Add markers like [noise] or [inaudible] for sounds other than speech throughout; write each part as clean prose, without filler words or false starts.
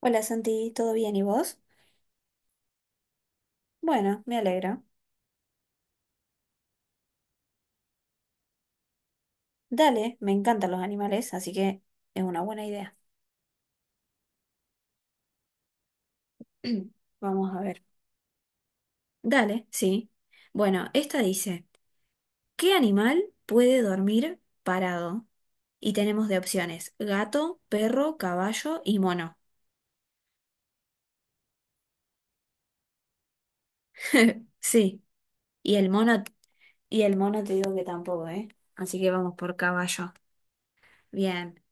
Hola Santi, ¿todo bien y vos? Bueno, me alegro. Dale, me encantan los animales, así que es una buena idea. [clears throat] Vamos a ver. Dale, sí. Bueno, esta dice, ¿qué animal puede dormir parado? Y tenemos de opciones, gato, perro, caballo y mono. [laughs] Sí, y el mono, y el mono te digo que tampoco, ¿eh? Así que vamos por caballo. Bien.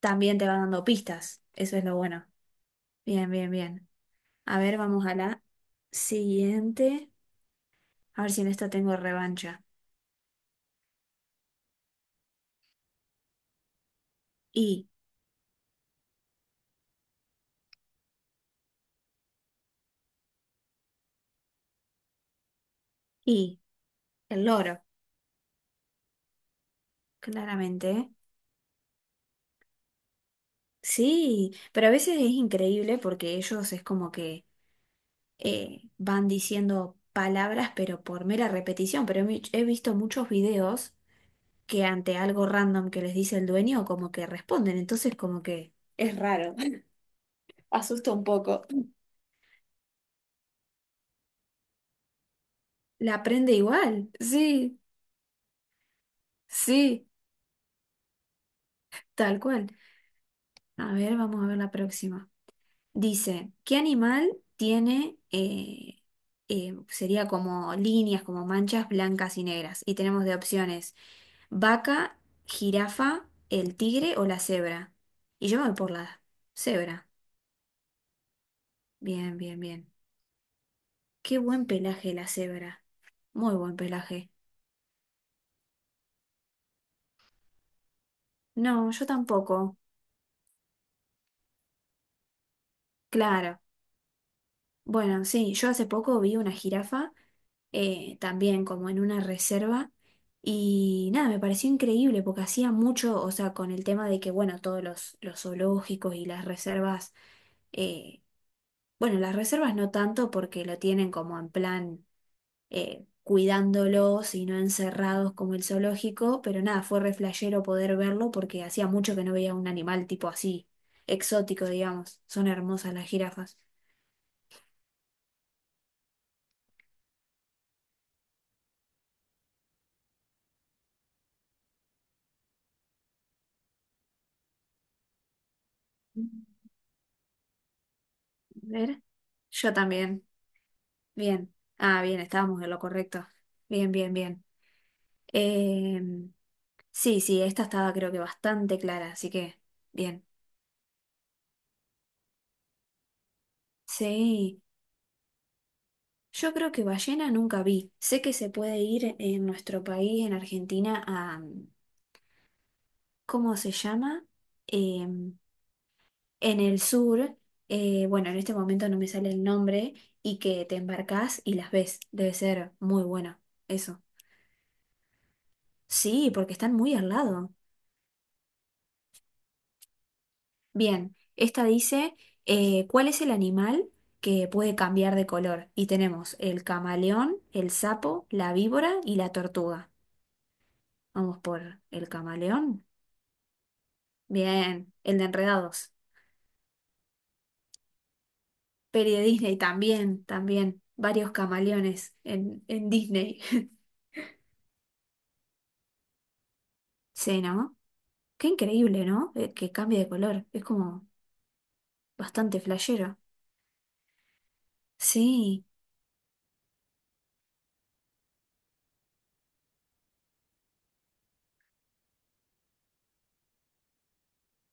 También te va dando pistas. Eso es lo bueno. Bien, bien, bien. A ver, vamos a la siguiente. A ver si en esta tengo revancha. Y, y, el loro, claramente. ¿Eh? Sí, pero a veces es increíble porque ellos es como que van diciendo palabras, pero por mera repetición. Pero he visto muchos videos que ante algo random que les dice el dueño, como que responden. Entonces, como que es raro. [laughs] Asusta un poco. La aprende igual. Sí, sí, tal cual. A ver, vamos a ver la próxima. Dice, ¿qué animal tiene, sería como líneas, como manchas blancas y negras? Y tenemos de opciones vaca, jirafa, el tigre o la cebra. Y yo me voy por la cebra. Bien, bien, bien. Qué buen pelaje la cebra. Muy buen pelaje. No, yo tampoco. Claro. Bueno, sí, yo hace poco vi una jirafa, también como en una reserva, y nada, me pareció increíble porque hacía mucho, o sea, con el tema de que, bueno, los zoológicos y las reservas, eh, bueno, las reservas no tanto porque lo tienen como en plan cuidándolos y no encerrados como el zoológico, pero nada, fue re flashero poder verlo porque hacía mucho que no veía un animal tipo así, exótico, digamos. Son hermosas las jirafas. A ver, yo también. Bien. Ah, bien, estábamos en lo correcto. Bien, bien, bien. Em, sí, sí, esta estaba creo que bastante clara, así que bien. Sí, yo creo que ballena nunca vi. Sé que se puede ir en nuestro país, en Argentina, a... ¿Cómo se llama? Em, en el sur, bueno, en este momento no me sale el nombre, y que te embarcás y las ves. Debe ser muy bueno. Eso. Sí, porque están muy al lado. Bien, esta dice, ¿cuál es el animal que puede cambiar de color? Y tenemos el camaleón, el sapo, la víbora y la tortuga. Vamos por el camaleón. Bien, el de Enredados. Peri de Disney también, también. Varios camaleones en Disney. [laughs] Sí, ¿no? Qué increíble, ¿no? Que cambie de color. Es como bastante flashero. Sí,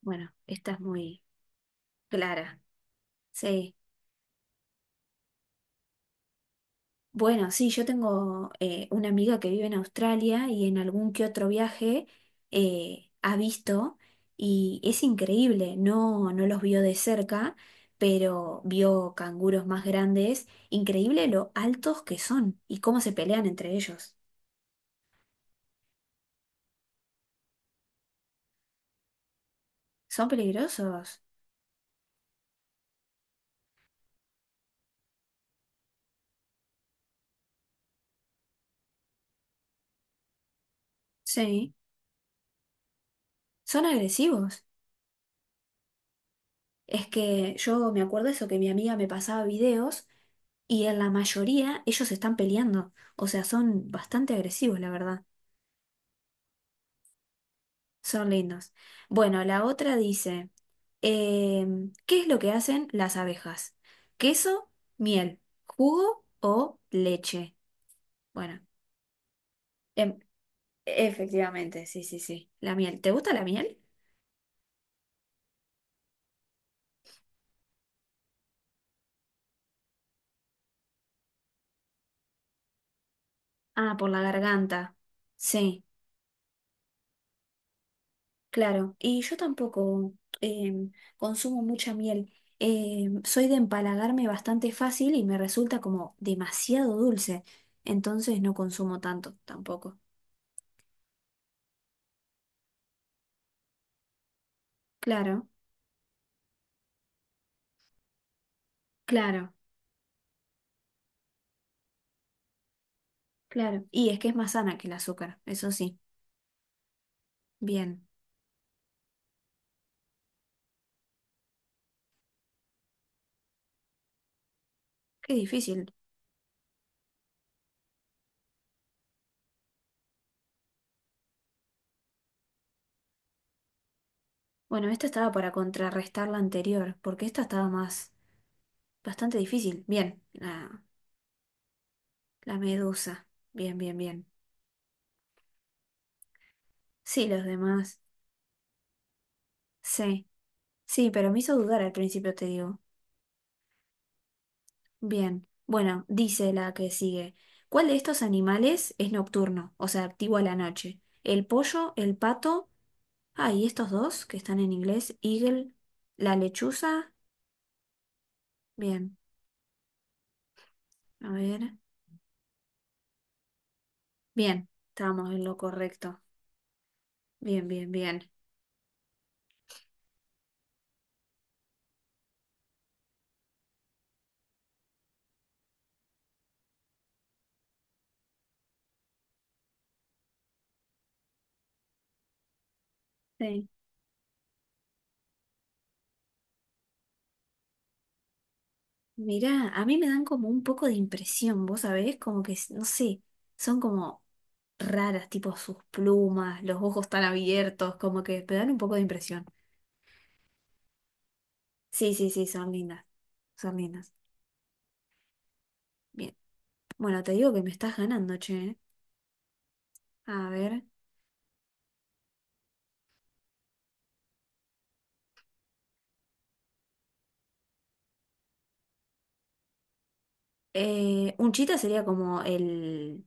bueno, esta es muy clara. Sí. Bueno, sí, yo tengo una amiga que vive en Australia y en algún que otro viaje ha visto y es increíble, no, no los vio de cerca, pero vio canguros más grandes, increíble lo altos que son y cómo se pelean entre ellos. Son peligrosos, sí, son agresivos. Es que yo me acuerdo eso, que mi amiga me pasaba videos y en la mayoría ellos están peleando, o sea, son bastante agresivos, la verdad. Son lindos. Bueno, la otra dice, ¿qué es lo que hacen las abejas? ¿Queso, miel, jugo o leche? Bueno, em, efectivamente, sí, sí, sí. La miel. ¿Te gusta la miel? Ah, por la garganta. Sí, claro. Y yo tampoco em, consumo mucha miel. Soy de empalagarme bastante fácil y me resulta como demasiado dulce. Entonces no consumo tanto tampoco. Claro, claro. Claro. Y es que es más sana que el azúcar, eso sí. Bien. Qué difícil. Bueno, esta estaba para contrarrestar la anterior, porque esta estaba más, bastante difícil. Bien. La medusa. Bien, bien, bien. Sí, los demás. Sí. Sí, pero me hizo dudar al principio, te digo. Bien. Bueno, dice la que sigue. ¿Cuál de estos animales es nocturno? O sea, activo a la noche. ¿El pollo, el pato? Ah, y estos dos que están en inglés. Eagle, la lechuza. Bien. A ver. Bien, estábamos en lo correcto. Bien, bien, bien. Sí. Mirá, a mí me dan como un poco de impresión, vos sabés, como que, no sé, son como raras, tipo sus plumas, los ojos tan abiertos, como que me dan un poco de impresión. Sí, sí, sí, son lindas, son lindas. Bien. Bueno, te digo que me estás ganando, che. ¿Eh? A ver. Un chita sería como el...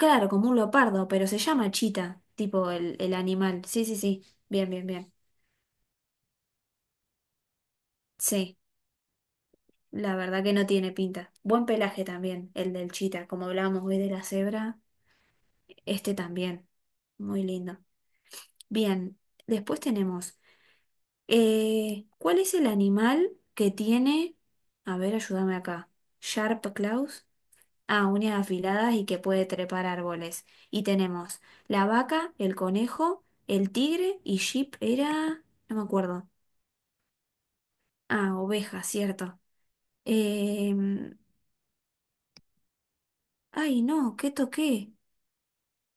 Claro, como un leopardo, pero se llama chita, tipo el animal. Sí, sí, sí. Bien, bien, bien. Sí. La verdad que no tiene pinta. Buen pelaje también, el del chita, como hablábamos hoy de la cebra, este también. Muy lindo. Bien, después tenemos, ¿cuál es el animal que tiene, a ver, ayúdame acá, sharp claws? Ah, uñas afiladas y que puede trepar árboles. Y tenemos la vaca, el conejo, el tigre y sheep era, no me acuerdo. Ah, oveja, cierto. Em, Ay, no, ¿qué toqué?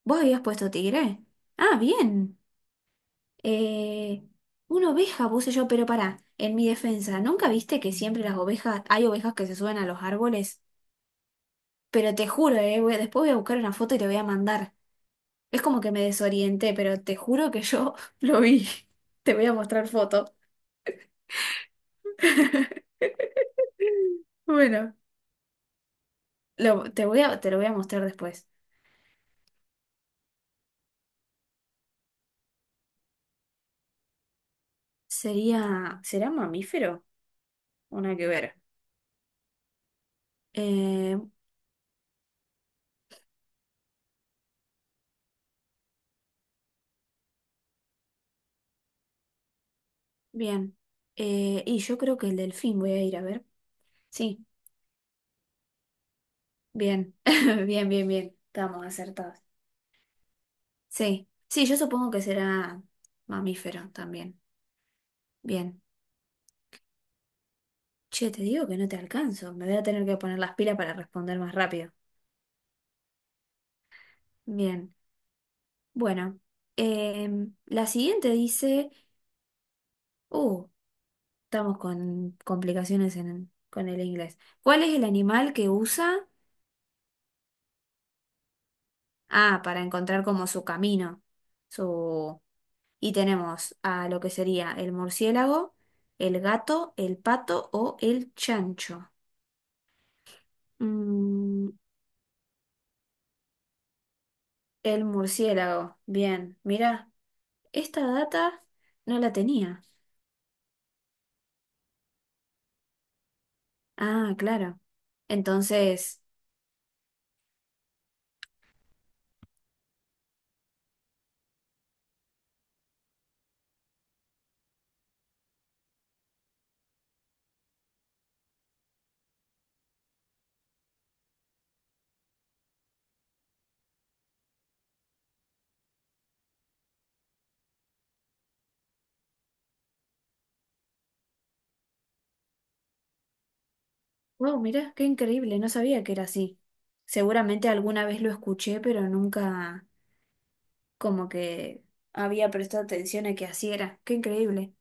¿Vos habías puesto tigre? Ah, bien. Eh, una oveja puse yo, pero pará, en mi defensa, ¿nunca viste que siempre las ovejas, hay ovejas que se suben a los árboles? Pero te juro, después voy a buscar una foto y te voy a mandar. Es como que me desorienté, pero te juro que yo [laughs] lo vi. Te voy a mostrar foto. [laughs] Bueno, te voy a, te lo voy a mostrar después. Sería, ¿será mamífero? Una que ver. Eh, bien. Y yo creo que el delfín voy a ir a ver. Sí. Bien, [laughs] bien, bien, bien. Estamos acertados. Sí, sí, yo supongo que será mamífero también. Bien. Che, te digo que no te alcanzo. Me voy a tener que poner las pilas para responder más rápido. Bien. Bueno, la siguiente dice, uh, estamos con complicaciones en, con el inglés. ¿Cuál es el animal que usa? Ah, para encontrar como su camino, su, y tenemos a lo que sería el murciélago, el gato, el pato o el chancho. Mm, el murciélago. Bien, mira, esta data no la tenía. Ah, claro. Entonces, wow, mira, qué increíble, no sabía que era así. Seguramente alguna vez lo escuché, pero nunca como que había prestado atención a que así era. Qué increíble.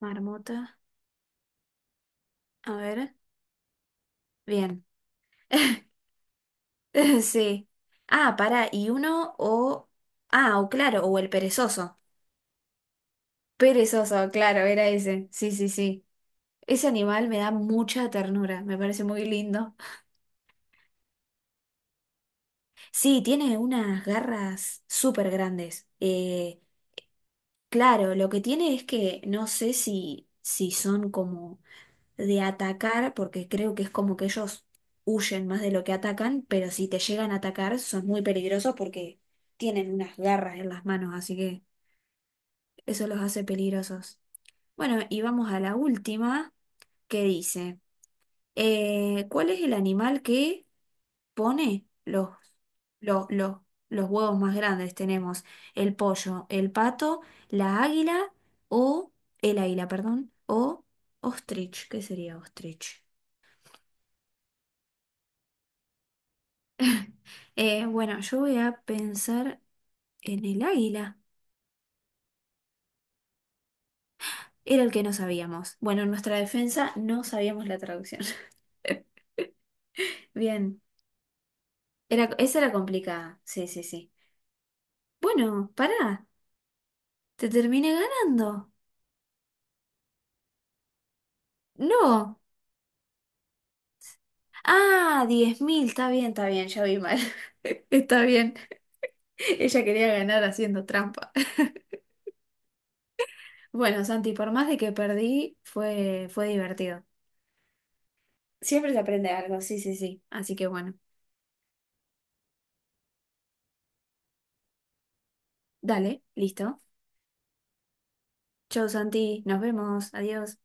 Marmota, a ver. Bien. [laughs] [laughs] Sí. Ah, para, y uno o... Ah, o claro, o el perezoso. Perezoso, claro, era ese. Sí, sí, sí. Ese animal me da mucha ternura, me parece muy lindo. Sí, tiene unas garras súper grandes. Claro, lo que tiene es que no sé si son como de atacar, porque creo que es como que ellos huyen más de lo que atacan, pero si te llegan a atacar son muy peligrosos porque tienen unas garras en las manos, así que... Eso los hace peligrosos. Bueno, y vamos a la última que dice, ¿cuál es el animal que pone los, los, los huevos más grandes? Tenemos el pollo, el pato, la águila o el águila, perdón, o ostrich. ¿Qué sería ostrich? [laughs] Bueno, yo voy a pensar en el águila. Era el que no sabíamos. Bueno, en nuestra defensa no sabíamos la traducción. [laughs] Bien. Era, esa era complicada. Sí, sí, sí. Bueno, pará. Te terminé ganando. No. Ah, 10,000. Está bien, está bien. Ya vi mal. [laughs] Está bien. Ella quería ganar haciendo trampa. [laughs] Bueno, Santi, por más de que perdí, fue divertido. Siempre se aprende algo. Sí, sí, sí. Así que bueno. Dale, listo. Chau, Santi. Nos vemos. Adiós.